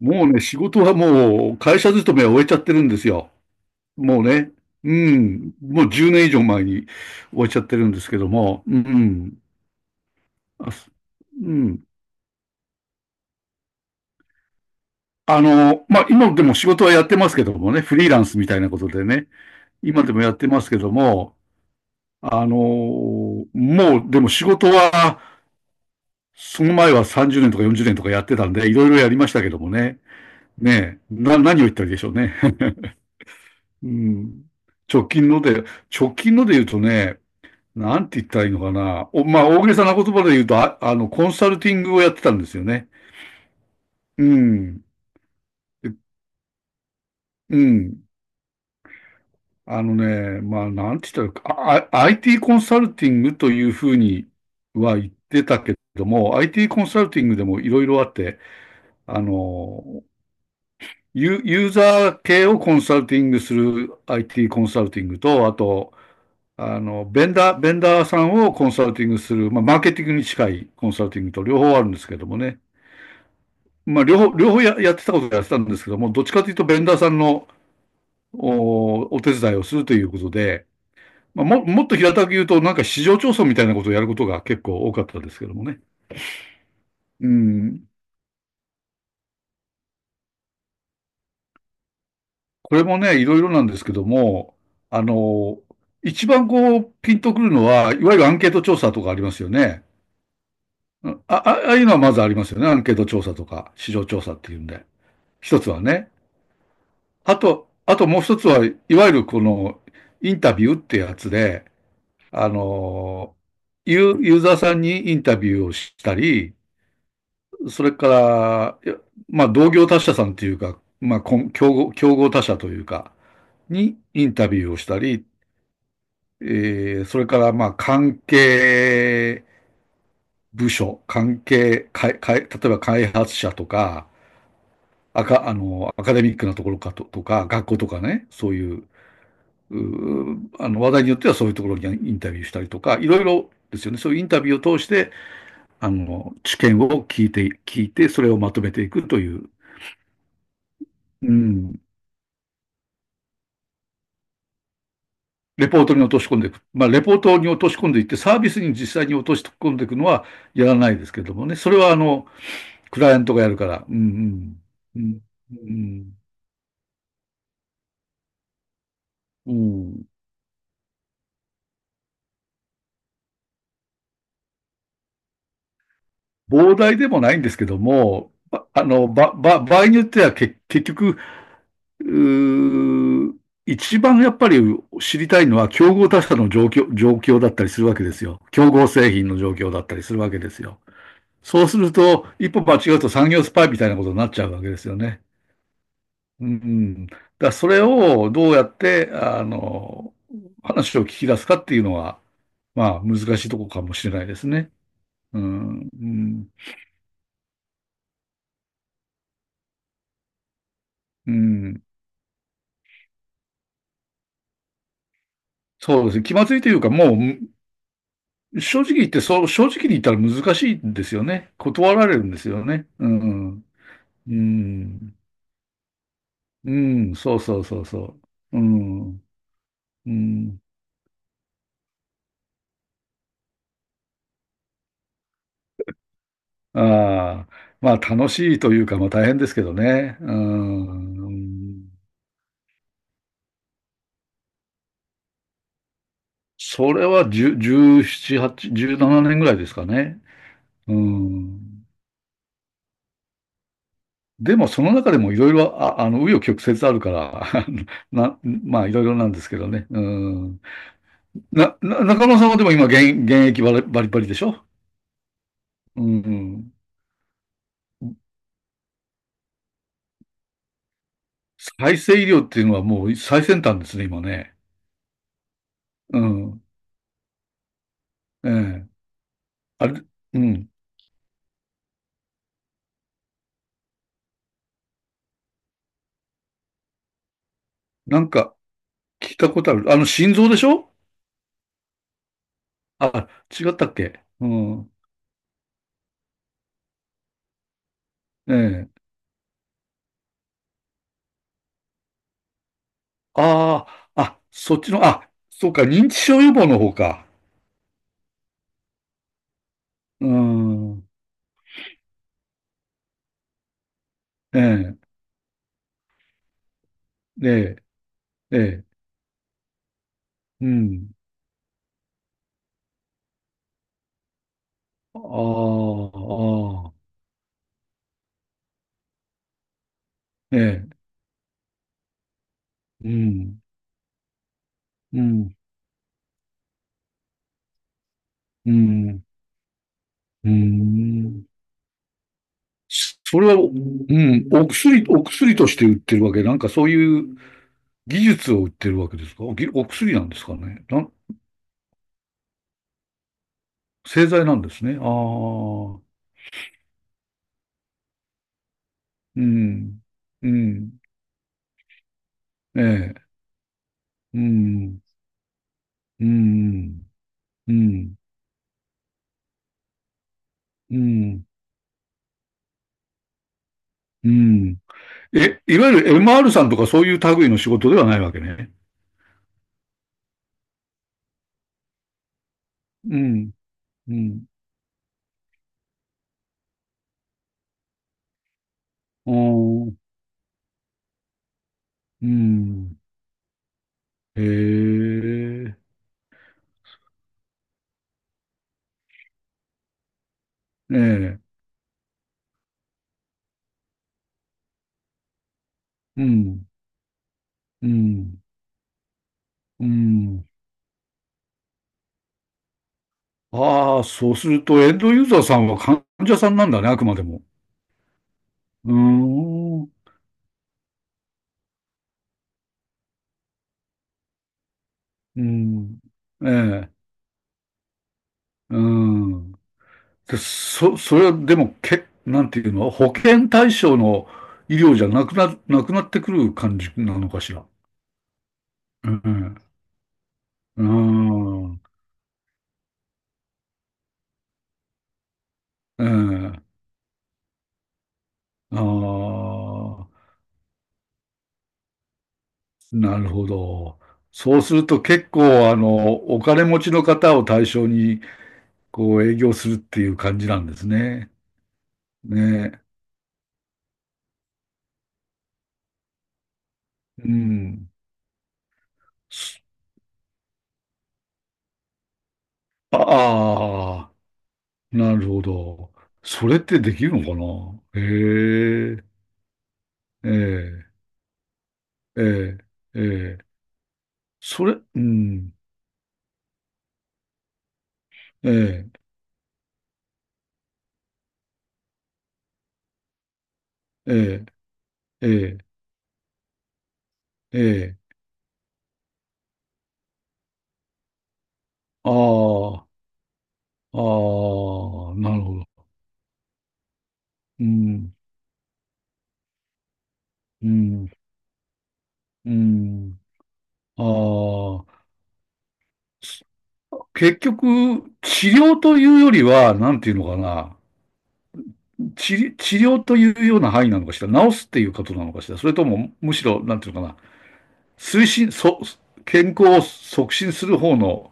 もうね、仕事はもう会社勤めは終えちゃってるんですよ。もうね。うん。もう10年以上前に終えちゃってるんですけども。うん。あ、すうん。まあ、今でも仕事はやってますけどもね、フリーランスみたいなことでね、今でもやってますけども、あの、もうでも仕事は、その前は30年とか40年とかやってたんで、いろいろやりましたけどもね。ねえ、何を言ったらいいでしょうね。うん。直近ので、直近ので言うとね、なんて言ったらいいのかな。まあ、大げさな言葉で言うと、コンサルティングをやってたんですよね。うん。で、うん。まあ、なんて言ったらIT コンサルティングというふうには言ってたけども、IT コンサルティングでもいろいろあって、あの、ユーザー系をコンサルティングする IT コンサルティングと、あと、ベンダーさんをコンサルティングする、まあ、マーケティングに近いコンサルティングと両方あるんですけどもね。まあ、両方やってたことをやってたんですけども、どっちかというと、ベンダーさんのお手伝いをするということで、まあ、もっと平たく言うと、なんか市場調査みたいなことをやることが結構多かったですけどもね。うん。これもね、いろいろなんですけども、あの、一番こう、ピンとくるのは、いわゆるアンケート調査とかありますよね。ああいうのはまずありますよね。アンケート調査とか、市場調査っていうんで。一つはね。あと、あともう一つは、いわゆるこの、インタビューってやつで、あの、ユーザーさんにインタビューをしたり、それから、いや、まあ、同業他社さんというか、まあ、こん競合、競合他社というか、にインタビューをしたり、それから、まあ、関係部署、関係、かいかい例えば開発者とか、アカデミックなところかと、とか、学校とかね、そういう、うあの、話題によってはそういうところにインタビューしたりとか、いろいろですよね。そういうインタビューを通して、知見を聞いて、聞いて、それをまとめていくという、うん、レポートに落とし込んでいく。まあ、レポートに落とし込んでいって、サービスに実際に落とし込んでいくのはやらないですけどもね。それは、クライアントがやるから。うん、うん、うん、うん、膨大でもないんですけども、あの、ば、ば、場合によっては結局、うー一番やっぱり知りたいのは競合他社の状況、状況だったりするわけですよ。競合製品の状況だったりするわけですよ。そうすると、一歩間違うと産業スパイみたいなことになっちゃうわけですよね。うん。だからそれをどうやって、話を聞き出すかっていうのは、まあ、難しいとこかもしれないですね。うん。うん。うん。そうですね。気まずいというか、もう、正直言って、そう、正直に言ったら難しいんですよね。断られるんですよね。うん。うん。うん。そうそうそうそう。うん。うん。ああ、まあ楽しいというか、まあ大変ですけどね。うん。それは10 17、8、17年ぐらいですかね。うん。でもその中でもいろいろ、紆余曲折あるから、あのな、まあいろいろなんですけどね。うん。中野さんはでも今現役バリバリバリでしょ？うん。再生医療っていうのはもう最先端ですね、今ね。うん。ええ。あれ、うん。なんか聞いたことある。あの、心臓でしょ？あ、違ったっけ？うん。ええ。ああ、あ、そっちの、あ、そうか、認知症予防の方か。うん。ええ、ええ、ええ、うん。ああ、ああ、ええ、うん、うん、うん、うん。それは、うん、お薬、お薬として売ってるわけ、なんかそういう技術を売ってるわけですか？お薬なんですかね。なん、製剤なんですね。ああ、うん、うん、ええ。うん、うん、うん、うん、うん。え、いわゆる MR さんとかそういう類の仕事ではないわけね。うん、うん、おー、うん、へえ、ええ、うん、うん、うん。ああ、そうするとエンドユーザーさんは患者さんなんだね、あくまでも。うーん、うん、ええ、うん。で、それはでも、なんていうの、保険対象の医療じゃなくなってくる感じなのかしら。うん。うん。うん。ああ、なるほど。そうすると結構、あの、お金持ちの方を対象に、こう、営業するっていう感じなんですね。ね。うん。ああ、なるほど。それってできるのかな？へえ、ええ。ええ、ええ、それ、うん、ええ、ええ、ええ、ええ、ああ、ああ、なるほど。うん、うん、うん。ああ、す結局、治療というよりは、なんていうのかな、治療というような範囲なのかしら、治すっていうことなのかしら、それとも、むしろ、なんていうのかな、推進、健康を促進する方の、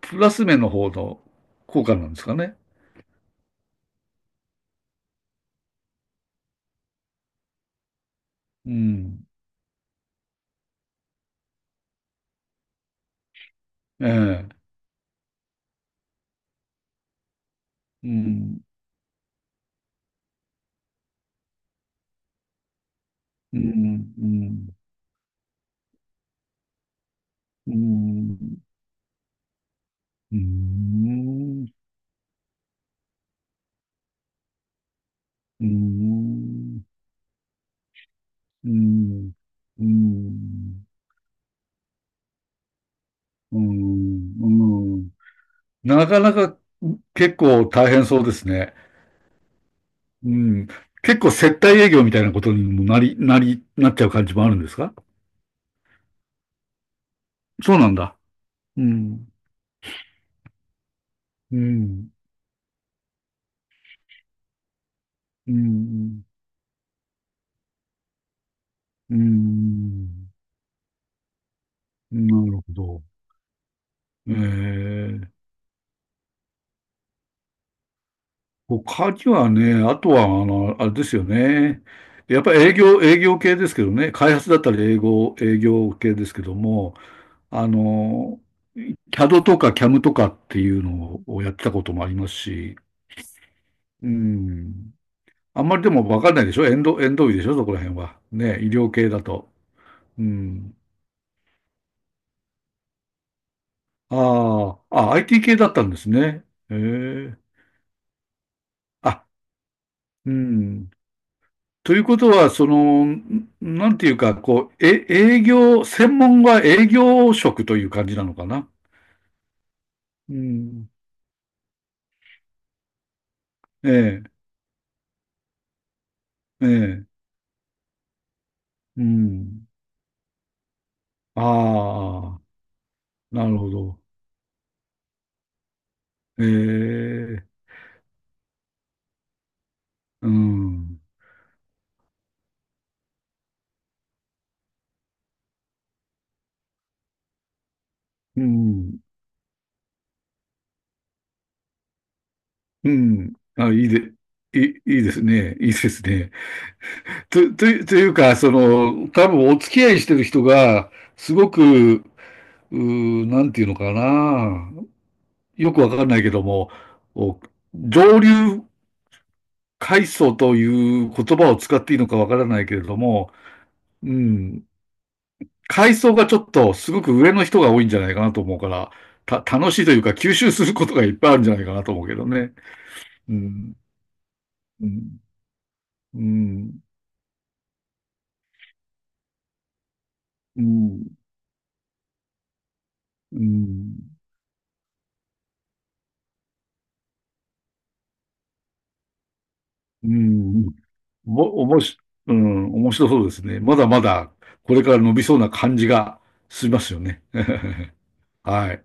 プラス面の方の効果なんですかね。うん、ええ。うん、うん、うん、うん、うん、うん、うん、うん、うん、うん。なかなか結構大変そうですね。うん。結構接待営業みたいなことにもなっちゃう感じもあるんですか？そうなんだ。うん、うん、うん、うん、うん、なるほど。ええ。他にはね、あとは、あの、あれですよね。やっぱり営業、営業系ですけどね。開発だったら営業系ですけども、あの、CAD とか CAM とかっていうのをやってたこともありますし、うん。あんまりでもわかんないでしょ、エンド医でしょ、そこら辺は。ね、医療系だと。うん。ああ、あ、IT 系だったんですね。へえ。あ、うん。ということは、その、なんていうか、こう、え、専門は営業職という感じなのかな？うん。ええ、ええ、うん。ああ、なるほど。ええ、うん、うん、うん。あ、いい、いいですね。いいですね。というか、その、多分お付き合いしてる人が、すごく、なんていうのかな。よくわかんないけども、お上流階層という言葉を使っていいのかわからないけれども、うん、階層がちょっとすごく上の人が多いんじゃないかなと思うから、楽しいというか吸収することがいっぱいあるんじゃないかなと思うけどね。うん、うん、うん、うん、うん、うん、も、おもし、うん、面白そうですね。まだまだこれから伸びそうな感じがしますよね。はい。